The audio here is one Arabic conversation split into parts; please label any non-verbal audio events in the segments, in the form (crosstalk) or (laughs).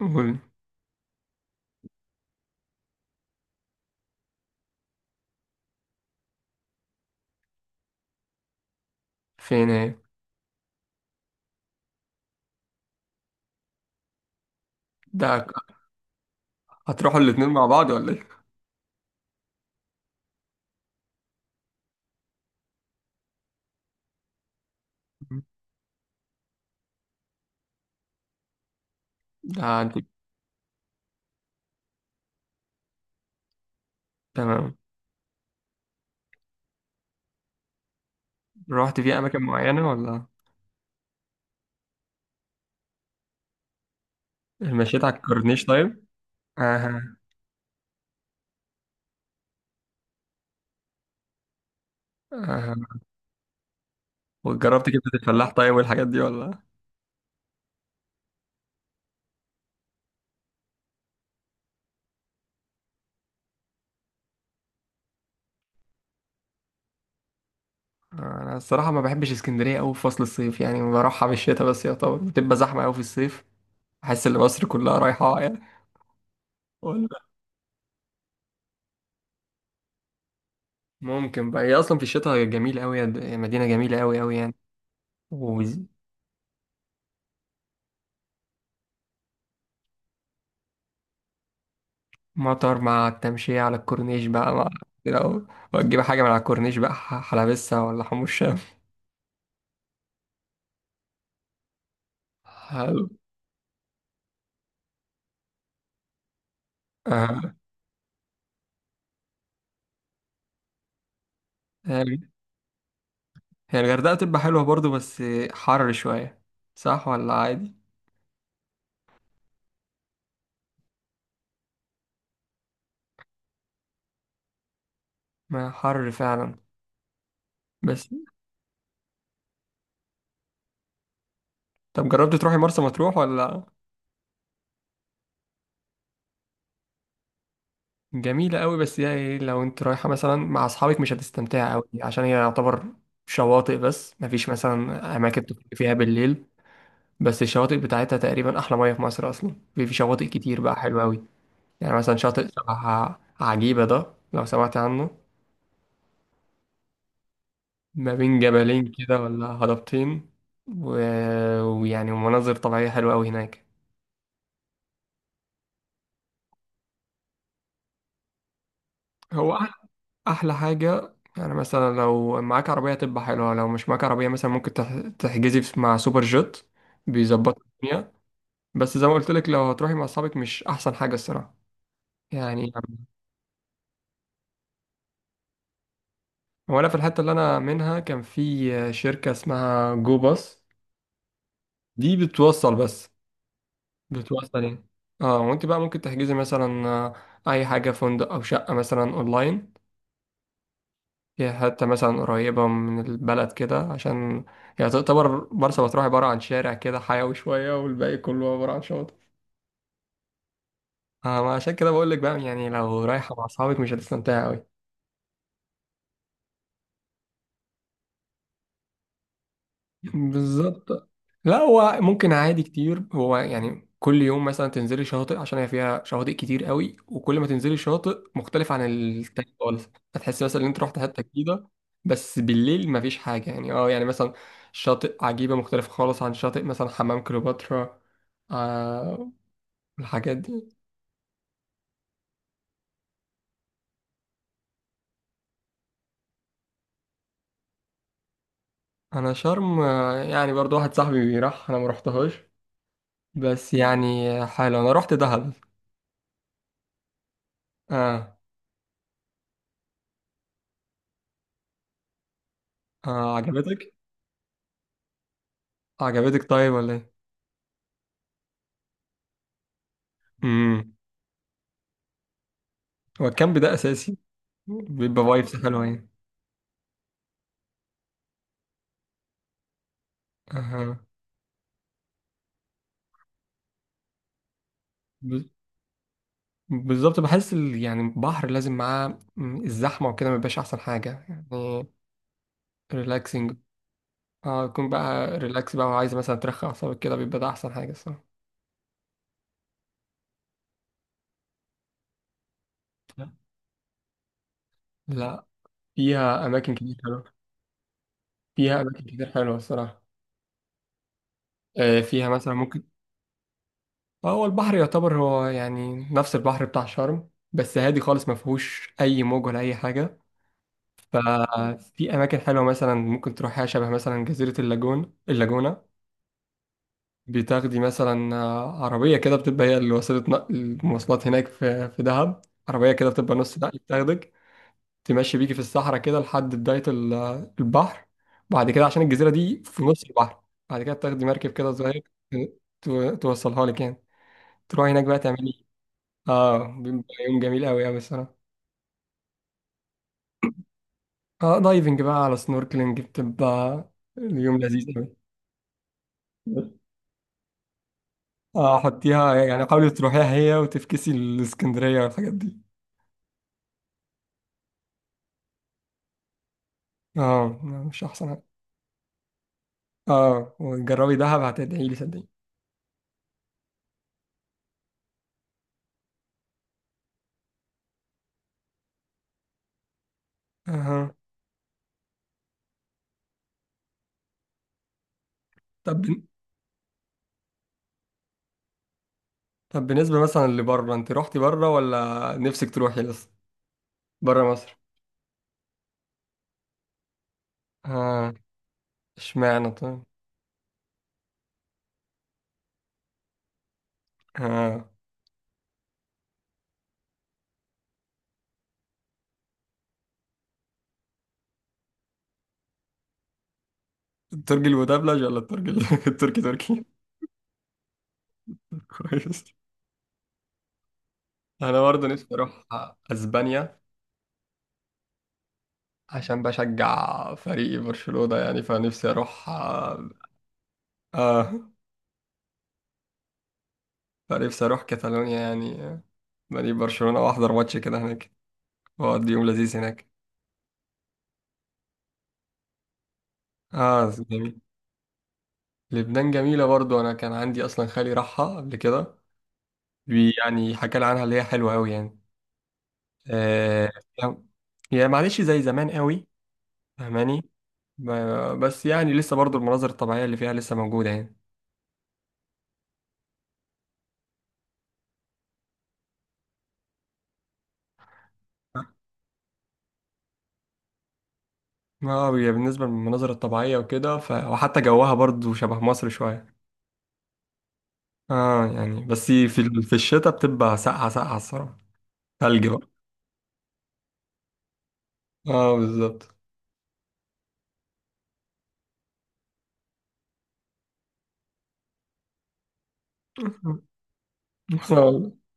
قول. فين ايه؟ ده هتروحوا الاتنين مع بعض ولا ايه؟ (laughs) ده انت. تمام. رحت في اماكن معينة ولا مشيت على الكورنيش طيب؟ اها. اها، وجربت كبدة الفلاح طيب والحاجات دي ولا؟ انا الصراحة ما بحبش اسكندرية قوي في فصل الصيف، يعني بروحها في الشتاء بس، يا طبعا بتبقى زحمة قوي في الصيف. احس ان مصر كلها رايحة يعني، ولا؟ ممكن بقى، هي اصلا في الشتاء جميلة قوي. مدينة جميلة قوي قوي يعني. و- مطر مع التمشية على الكورنيش بقى، مع لو وتجيب حاجة من على الكورنيش بقى حلبسة ولا حمص شام. حلو. آه. هي الغردقة بتبقى حلوة برضو، بس حر شوية. صح ولا عادي؟ ما حر فعلا. بس طب جربت تروحي مرسى مطروح ولا؟ جميلة قوي، بس هي إيه، لو انت رايحة مثلا مع أصحابك مش هتستمتعي قوي، عشان هي يعتبر شواطئ بس، مفيش مثلا أماكن تخرج فيها بالليل. بس الشواطئ بتاعتها تقريبا أحلى مية في مصر، أصلا في شواطئ كتير بقى حلوة قوي. يعني مثلا شاطئ شبه عجيبة ده، لو سمعت عنه. ما بين جبلين كده، ولا هضبتين. و... ويعني مناظر طبيعية حلوة أوي هناك. هو أح- أحلى حاجة، يعني مثلا لو معاك عربية تبقى حلوة، لو مش معاك عربية مثلا ممكن تحجزي مع سوبر جيت. بيظبط الدنيا. بس زي ما قلت لك، لو هتروحي مع أصحابك مش أحسن حاجة الصراحة يعني. هو أنا في الحتة اللي أنا منها كان في شركة اسمها جو باص. دي بتوصل بس. بتوصلي اه. وانت بقى ممكن تحجزي مثلا اي حاجة، فندق او شقة مثلا اونلاين. هي حتى مثلا قريبة من البلد كده، عشان هي تعتبر مرسى مطروح عبارة عن شارع كده حيوي شوية، والباقي كله عبارة عن شاطئ. آه، ما عشان كده بقول لك بقى، يعني لو رايحة مع اصحابك مش هتستمتعي قوي. بالظبط. لا هو ممكن عادي كتير، هو يعني كل يوم مثلا تنزلي شاطئ، عشان هي فيها شواطئ كتير قوي، وكل ما تنزلي شاطئ مختلف عن التاني خالص. هتحسي مثلا ان انت رحت حته جديده. بس بالليل مفيش حاجه يعني. اه يعني مثلا شاطئ عجيبه مختلف خالص عن شاطئ مثلا حمام كليوباترا. آه، الحاجات دي. انا شرم يعني برضو واحد صاحبي راح، انا ما رحتهاش. بس يعني حلو، انا رحت دهب. اه. آه، عجبتك؟ عجبتك طيب ولا ايه؟ امم هو الكامب ده اساسي، بيبقى فايبس حلوه يعني. اها. ب- بالظبط، بحس يعني البحر لازم معاه الزحمه وكده ما بيبقاش احسن حاجه يعني. ريلاكسنج. اه، يكون بقى ريلاكس بقى، وعايز مثلا ترخي اعصابك كده، بيبقى ده احسن حاجه الصراحه. لا، فيها اماكن كتير حلوه. فيها اماكن كتير حلوه الصراحه. آه فيها مثلا ممكن. هو البحر يعتبر هو يعني نفس البحر بتاع شرم، بس هادي خالص، ما فيهوش اي موج ولا اي حاجه. ففي أماكن حلوة، مثلا ممكن تروحيها شبه مثلا جزيرة اللاجون، اللاجونة. بتاخدي مثلا عربية كده، بتبقى هي اللي وسيلة نقل المواصلات هناك في دهب. عربية كده بتبقى نص نقل بتاخدك، تمشي بيكي في الصحراء كده لحد بداية البحر، بعد كده عشان الجزيرة دي في نص البحر. بعد كده بتاخدي مركب كده صغير، توصلها لك يعني. تروحي هناك بقى تعملي. اه، بيبقى يوم جميل قوي قوي الصراحة. اه دايفنج بقى على سنوركلينج، بتبقى اليوم لذيذ قوي. اه حطيها، يعني حاولي تروحيها هي، وتفكسي الاسكندرية والحاجات دي. اه مش احسن حاجة. اه وجربي دهب هتدعي لي صدقيني. اها. طب بن- طب بالنسبة مثلا لبره، انت روحتي بره ولا نفسك تروحي لسه، بره مصر؟ اه. اشمعنى طيب؟ اه. الترجي المدبلج ولا (laughs) التركي، تركي؟ (laughs) كويس. انا برضه نفسي اروح اسبانيا، عشان بشجع فريقي برشلونة يعني، فنفسي اروح اه. آه، فنفسي اروح كاتالونيا يعني، نادي برشلونة، واحضر ماتش كده هناك، واقضي يوم لذيذ هناك. اه (laughs) جميل. لبنان جميلة برضو، انا كان عندي اصلا خالي راحها قبل كده. يعني حكى لي عنها، اللي هي حلوة قوي يعني. آه يعني معلش زي زمان قوي، فاهماني؟ بس يعني لسه برضو المناظر الطبيعية اللي فيها لسه موجودة يعني. اه. آه، هي بالنسبة للمناظر الطبيعية وكده وحتى جوها برضو شبه مصر شوية. اه يعني بس في الشتاء بتبقى ساقعة ساقعة الصراحة. ثلج بقى. اه بالظبط. (laughs)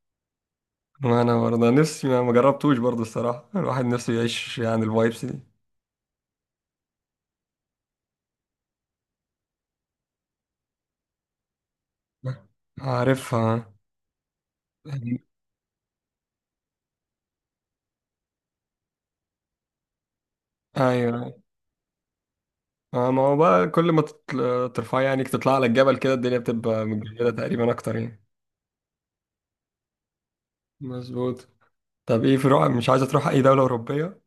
ما انا برضه نفسي، ما جربتوش برضه الصراحه، الواحد نفسه يعيش يعني الفايبس دي. عارفها. ايوه. آه، ما هو بقى كل ما ترفع يعني تطلع على الجبل كده، الدنيا بتبقى متجمدة تقريبا اكتر يعني. مظبوط. طب ايه في روح، مش عايزه تروح اي دوله اوروبيه؟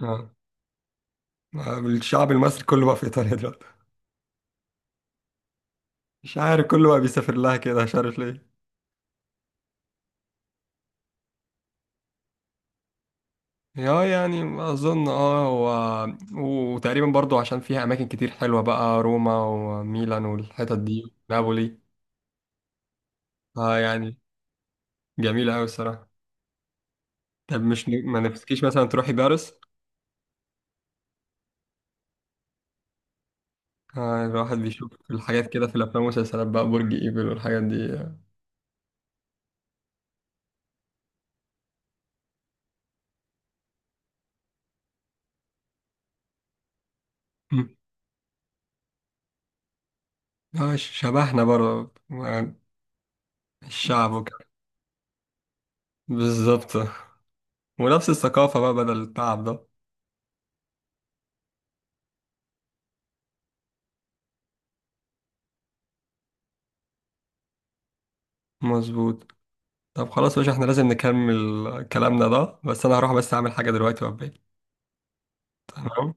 اه. آه، الشعب المصري كله بقى في ايطاليا دلوقتي. مش عارف، كله بقى بيسافر لها كده مش عارف ليه. اه يعني اظن اه، هو وتقريبا برضو عشان فيها اماكن كتير حلوه بقى، روما وميلان والحتت دي، نابولي. اه يعني جميله قوي الصراحه. طب مش ن- ما نفسكيش مثلا تروحي باريس؟ آه الواحد بيشوف الحاجات كده في الافلام والمسلسلات بقى، برج ايفل والحاجات دي. مم. اه شبهنا برضه يعني، الشعب وكده. بالظبط. ونفس الثقافه بقى بدل التعب ده. مظبوط. طب خلاص يا باشا احنا لازم نكمل كلامنا ده، بس انا هروح بس اعمل حاجه دلوقتي وابقى إيه. تمام.